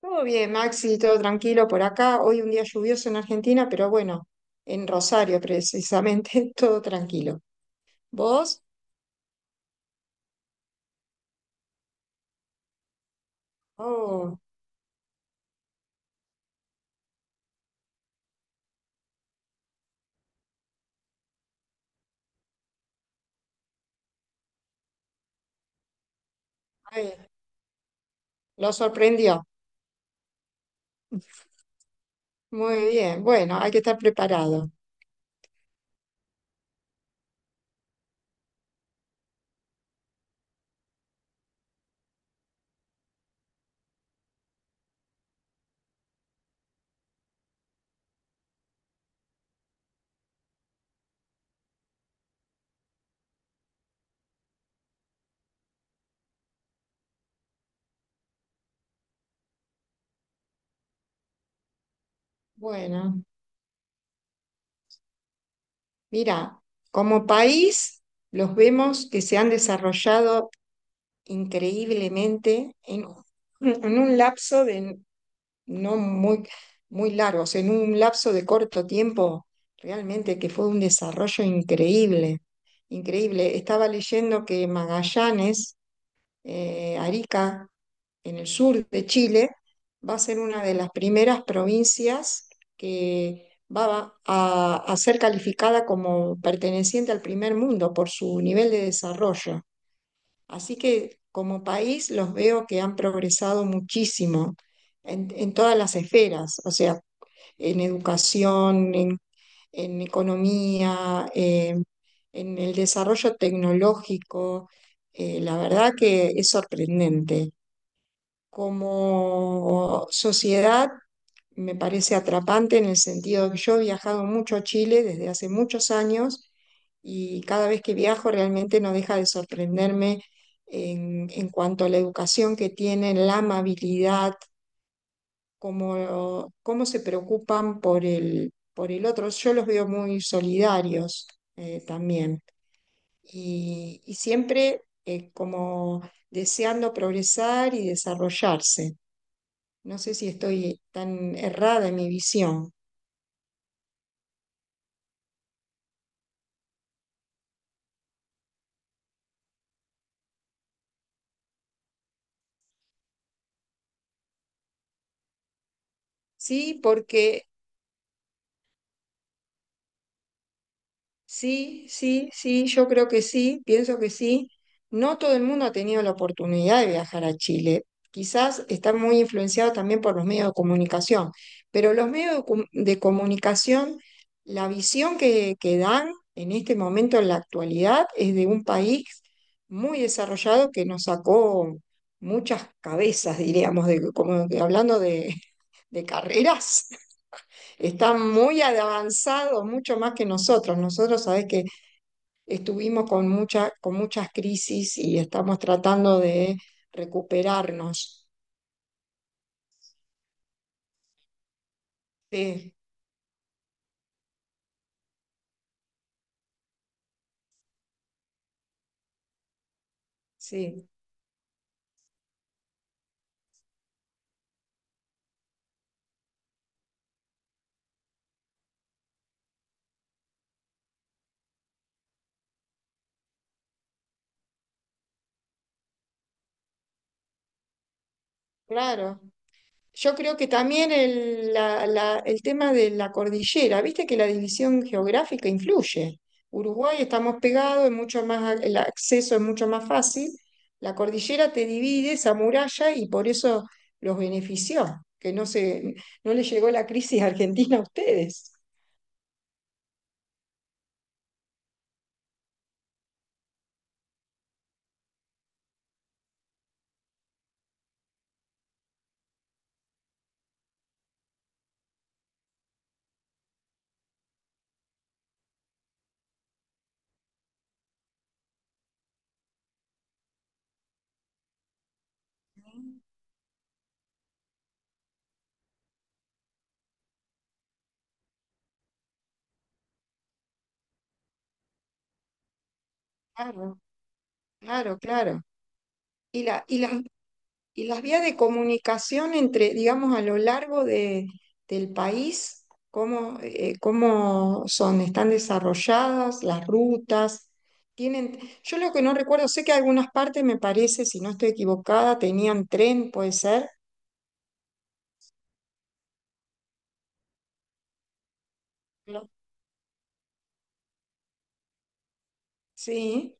Todo bien, Maxi, todo tranquilo por acá. Hoy un día lluvioso en Argentina, pero bueno, en Rosario precisamente, todo tranquilo. ¿Vos? Oh, ay, lo sorprendió. Muy bien, bueno, hay que estar preparado. Bueno, mira, como país los vemos que se han desarrollado increíblemente en un lapso de no muy, muy largos, en un lapso de corto tiempo, realmente que fue un desarrollo increíble, increíble. Estaba leyendo que Magallanes, Arica, en el sur de Chile, va a ser una de las primeras provincias que a ser calificada como perteneciente al primer mundo por su nivel de desarrollo. Así que como país los veo que han progresado muchísimo en todas las esferas, o sea, en educación, en economía, en el desarrollo tecnológico. La verdad que es sorprendente. Como sociedad, me parece atrapante en el sentido de que yo he viajado mucho a Chile desde hace muchos años y cada vez que viajo realmente no deja de sorprenderme en cuanto a la educación que tienen, la amabilidad, cómo se preocupan por por el otro. Yo los veo muy solidarios también y siempre como deseando progresar y desarrollarse. No sé si estoy tan errada en mi visión. ¿Sí? Porque sí, sí, sí, yo creo que sí, pienso que sí. No todo el mundo ha tenido la oportunidad de viajar a Chile. Quizás está muy influenciado también por los medios de comunicación, pero los medios de comunicación, la visión que dan en este momento, en la actualidad, es de un país muy desarrollado que nos sacó muchas cabezas, diríamos, de, como que hablando de carreras. Está muy avanzado, mucho más que nosotros. Nosotros, sabes que estuvimos con mucha, con muchas crisis y estamos tratando de recuperarnos. Sí, sí, claro. Yo creo que también el tema de la cordillera, viste que la división geográfica influye. Uruguay estamos pegados, es mucho más, el acceso es mucho más fácil. La cordillera te divide esa muralla y por eso los benefició, que no se, no les llegó la crisis argentina a ustedes. Claro, claro, claro. Y, la, y, las, y las vías de comunicación entre, digamos, a lo largo del país, ¿cómo, cómo son? ¿Están desarrolladas las rutas? Tienen, yo lo que no recuerdo, sé que algunas partes me parece, si no estoy equivocada, tenían tren, puede ser. No. Sí,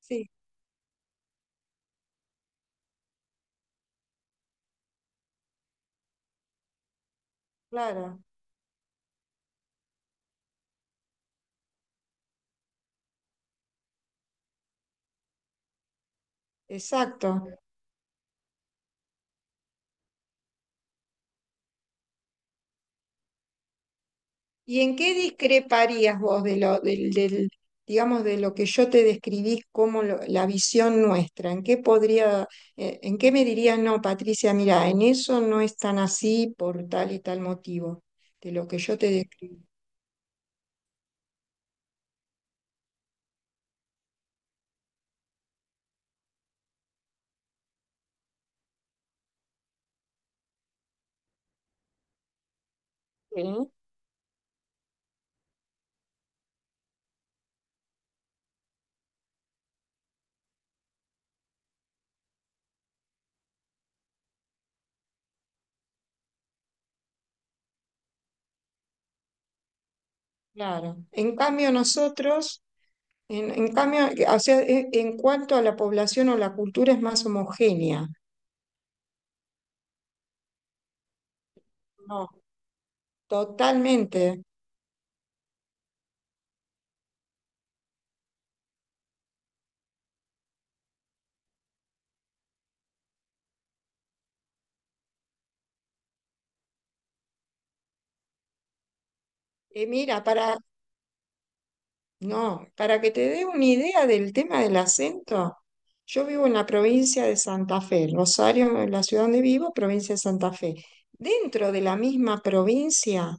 sí, claro, exacto. ¿Y en qué discreparías vos de lo, del, del, digamos, de lo que yo te describí como lo- la visión nuestra? ¿En qué podría, en qué me dirías, no, Patricia, mira, en eso no es tan así por tal y tal motivo, de lo que yo te describí? Sí. Claro. En cambio, o sea, e- en cuanto a la población o la cultura es más homogénea. No, totalmente. Mira, para No, para que te dé una idea del tema del acento, yo vivo en la provincia de Santa Fe, Rosario, en la ciudad donde vivo, provincia de Santa Fe. Dentro de la misma provincia,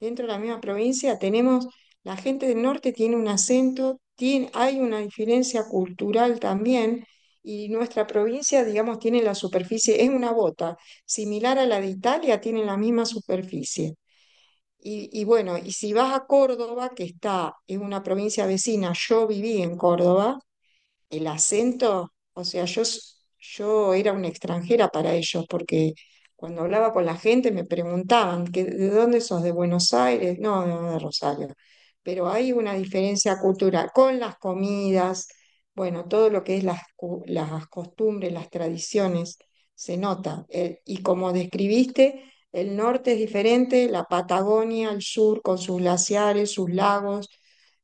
Dentro de la misma provincia tenemos, la gente del norte tiene un acento, tiene, hay una diferencia cultural también, y nuestra provincia, digamos, tiene la superficie, es una bota, similar a la de Italia, tiene la misma superficie. Y bueno, y si vas a Córdoba, que está, es una provincia vecina, yo viví en Córdoba, el acento, o sea, yo era una extranjera para ellos, porque cuando hablaba con la gente me preguntaban, que, ¿de dónde sos? ¿De Buenos Aires? No, no, de Rosario. Pero hay una diferencia cultural con las comidas, bueno, todo lo que es las costumbres, las tradiciones, se nota. El- y como describiste, el norte es diferente, la Patagonia, el sur, con sus glaciares, sus lagos,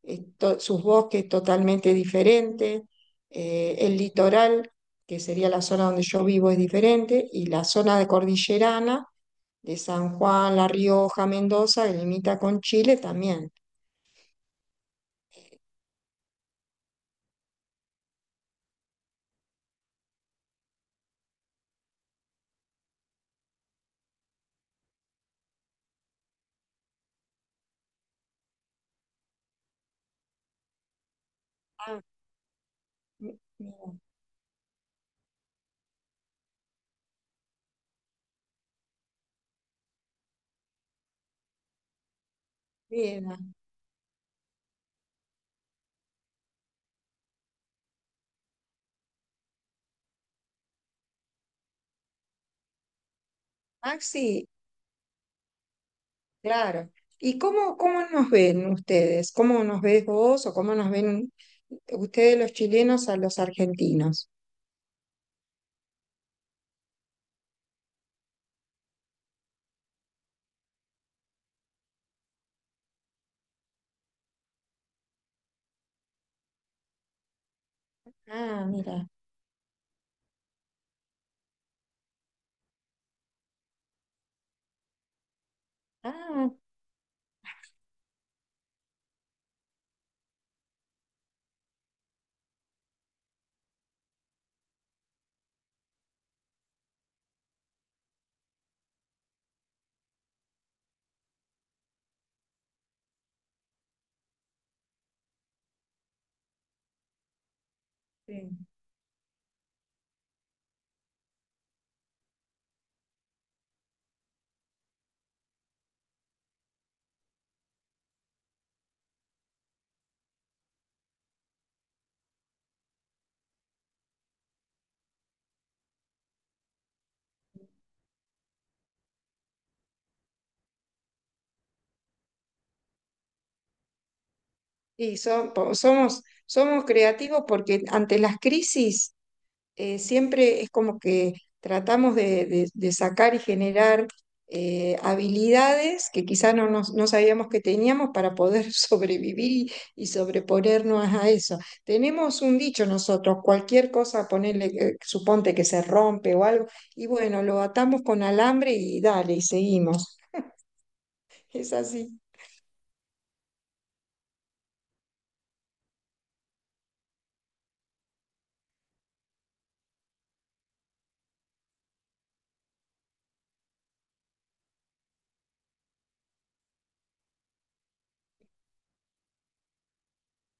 sus bosques totalmente diferentes el litoral, que sería la zona donde yo vivo, es diferente, y la zona de cordillerana, de San Juan, La Rioja, Mendoza, que limita con Chile también. Ah, Mi- Mira, Maxi, claro. ¿Y cómo, cómo nos ven ustedes? ¿Cómo nos ves vos o cómo nos ven ustedes los chilenos a los argentinos? Ah, mira. Ah, sí. Y son, somos, somos creativos porque ante las crisis siempre es como que tratamos de, de sacar y generar habilidades que quizá no sabíamos que teníamos para poder sobrevivir y sobreponernos a eso. Tenemos un dicho nosotros, cualquier cosa, ponerle, suponte que se rompe o algo, y bueno, lo atamos con alambre y dale, y seguimos. Es así.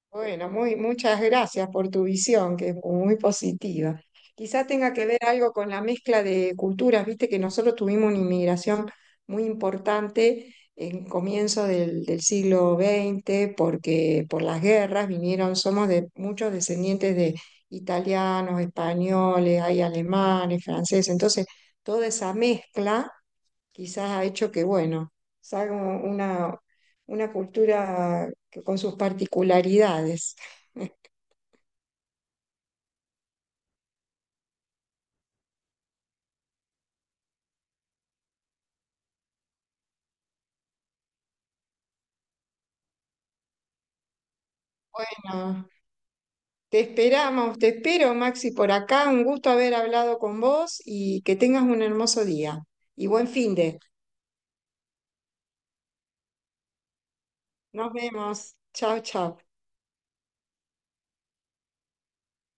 Bueno, muchas gracias por tu visión, que es muy positiva. Quizá tenga que ver algo con la mezcla de culturas, viste que nosotros tuvimos una inmigración muy importante en comienzo del siglo XX, porque por las guerras vinieron, somos de muchos descendientes de italianos, españoles, hay alemanes, franceses, entonces toda esa mezcla quizás ha hecho que, bueno, salga una cultura que- con sus particularidades. No, te esperamos, te espero, Maxi, por acá. Un gusto haber hablado con vos y que tengas un hermoso día. Y buen fin de. Nos vemos. Chao, chao.